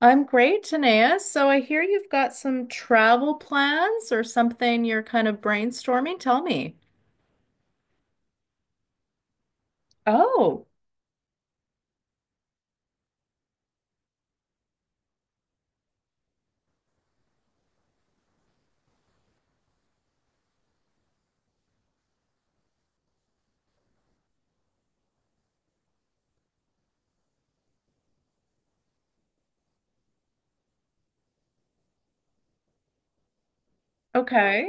I'm great, Tanea. So I hear you've got some travel plans or something you're kind of brainstorming. Tell me. Oh, okay.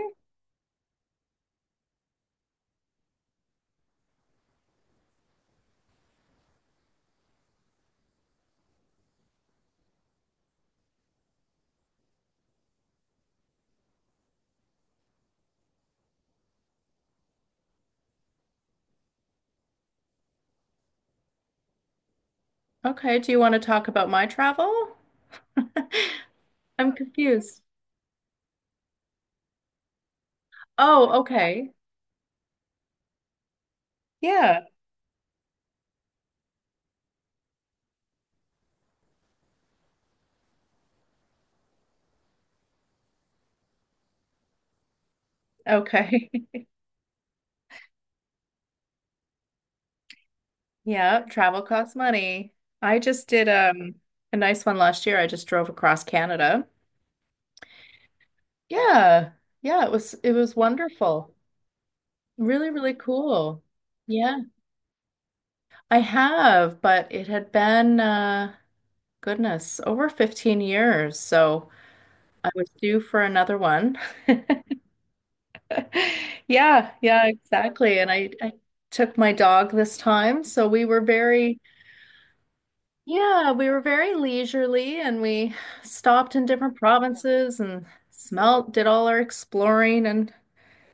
Okay. Do you want to talk about my travel? I'm confused. Oh, okay. Yeah. Okay. Yeah, travel costs money. I just did a nice one last year. I just drove across Canada. Yeah. Yeah, it was wonderful. Really, really cool. Yeah. I have, but it had been, goodness, over 15 years. So I was due for another one. Yeah, yeah, exactly. And I took my dog this time. So we were very, yeah, we were very leisurely and we stopped in different provinces and smelt, did all our exploring and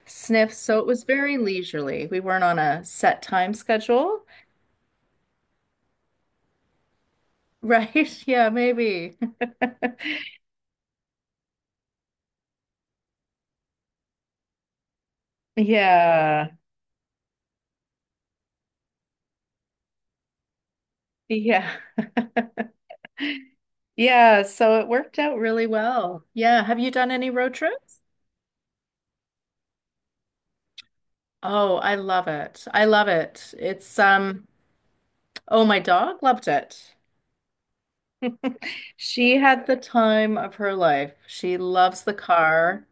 sniffs. So it was very leisurely. We weren't on a set time schedule, right? Yeah, maybe. Yeah. Yeah. Yeah, so it worked out really well. Yeah, have you done any road trips? Oh, I love it. I love it. It's um Oh, my dog loved it. She had the time of her life. She loves the car.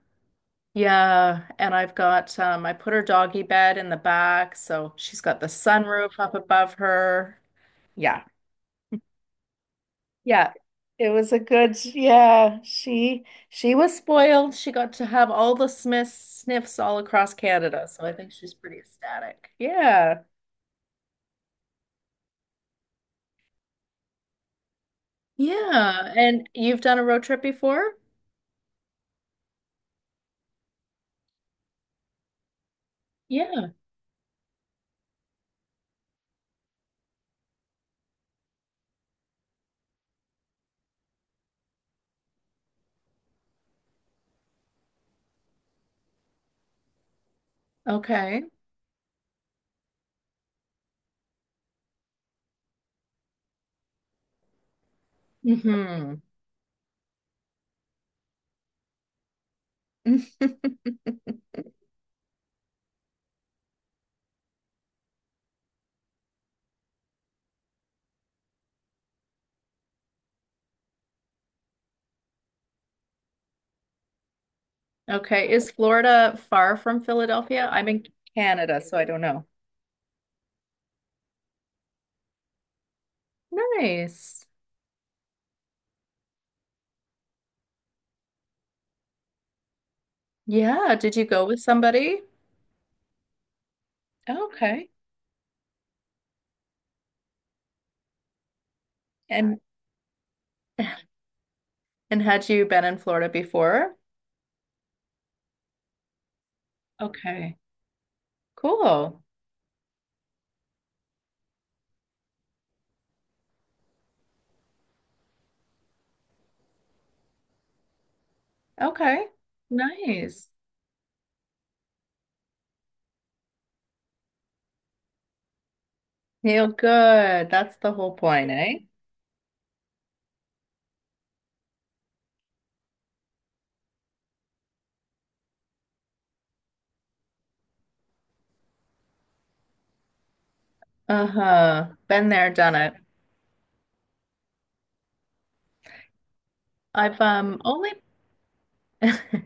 Yeah, and I've got I put her doggy bed in the back, so she's got the sunroof up above her. Yeah. Yeah, it was a good, yeah, she was spoiled. She got to have all the Smiths sniffs all across Canada, so I think she's pretty ecstatic. Yeah. Yeah, and you've done a road trip before? Yeah. Okay. hmm Okay, is Florida far from Philadelphia? I'm in Canada, so I don't know. Nice. Yeah, did you go with somebody? Okay. And and had you been in Florida before? Okay. Cool. Okay. Nice. Feel good. That's the whole point, eh? Uh-huh. Been there, done it. I've only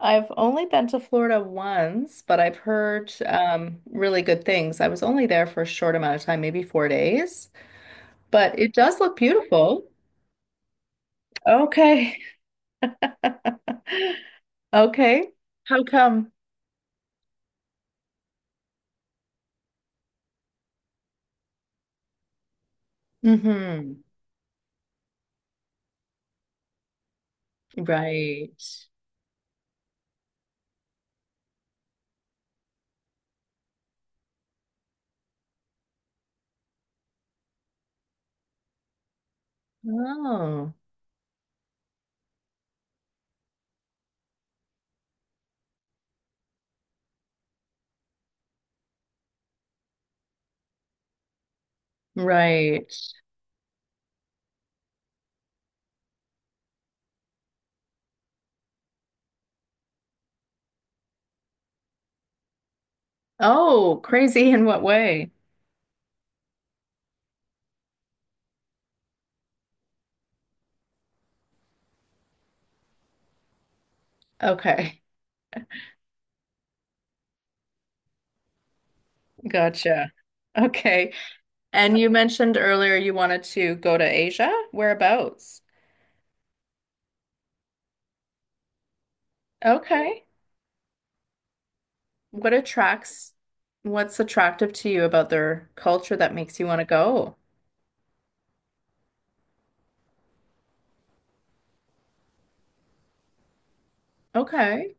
I've only been to Florida once, but I've heard really good things. I was only there for a short amount of time, maybe 4 days, but it does look beautiful. Okay. Okay. How come? Mm-hmm. Right. Oh, right. Oh, crazy in what way? Okay. Gotcha. Okay. And you mentioned earlier you wanted to go to Asia. Whereabouts? Okay. What attracts, what's attractive to you about their culture that makes you want to go? Okay.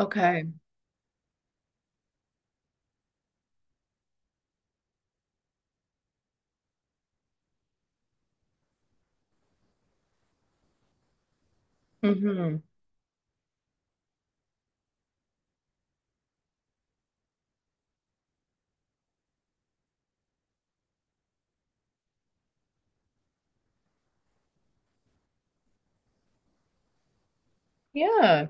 Okay. hmm Yeah.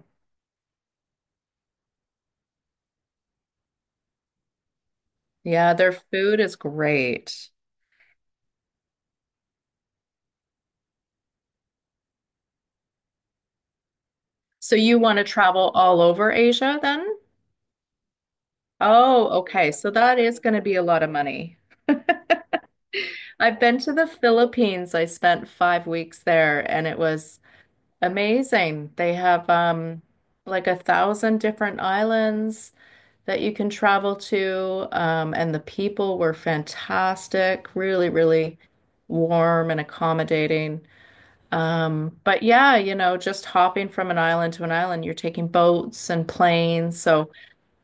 Yeah, their food is great. So you want to travel all over Asia then? Oh, okay. So that is going to be a lot of money. I've been to the Philippines. I spent 5 weeks there and it was amazing. They have like a 1,000 different islands that you can travel to. And the people were fantastic, really, really warm and accommodating. But yeah, you know, just hopping from an island to an island, you're taking boats and planes. So,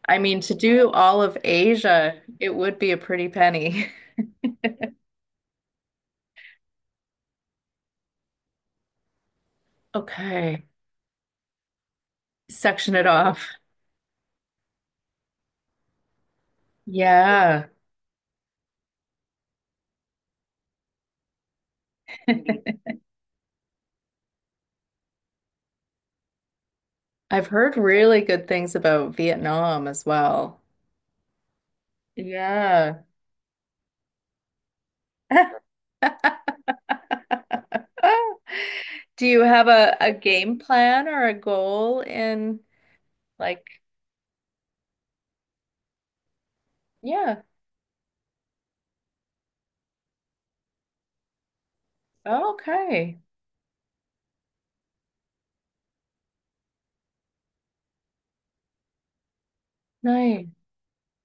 I mean, to do all of Asia, it would be a pretty penny. Okay, section it off. Yeah, I've heard really good things about Vietnam as well. Yeah. Do you have a game plan or a goal in like, yeah. Okay. Nice.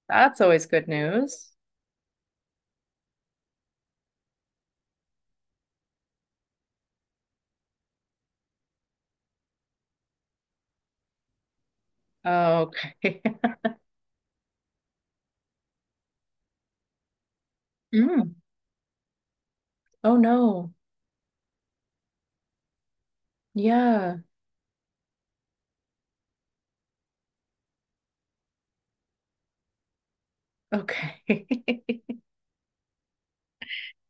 That's always good news. Okay. Mm. Oh no. Yeah. Okay.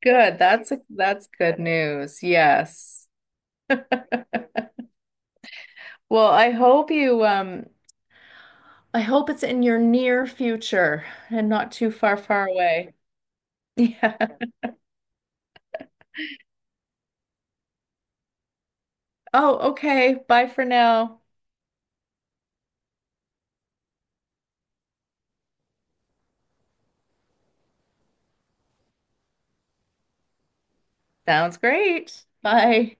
Good. That's good news. Yes. Well, I hope it's in your near future and not too far, far away. Yeah. Oh, okay. Bye for now. Sounds great. Bye.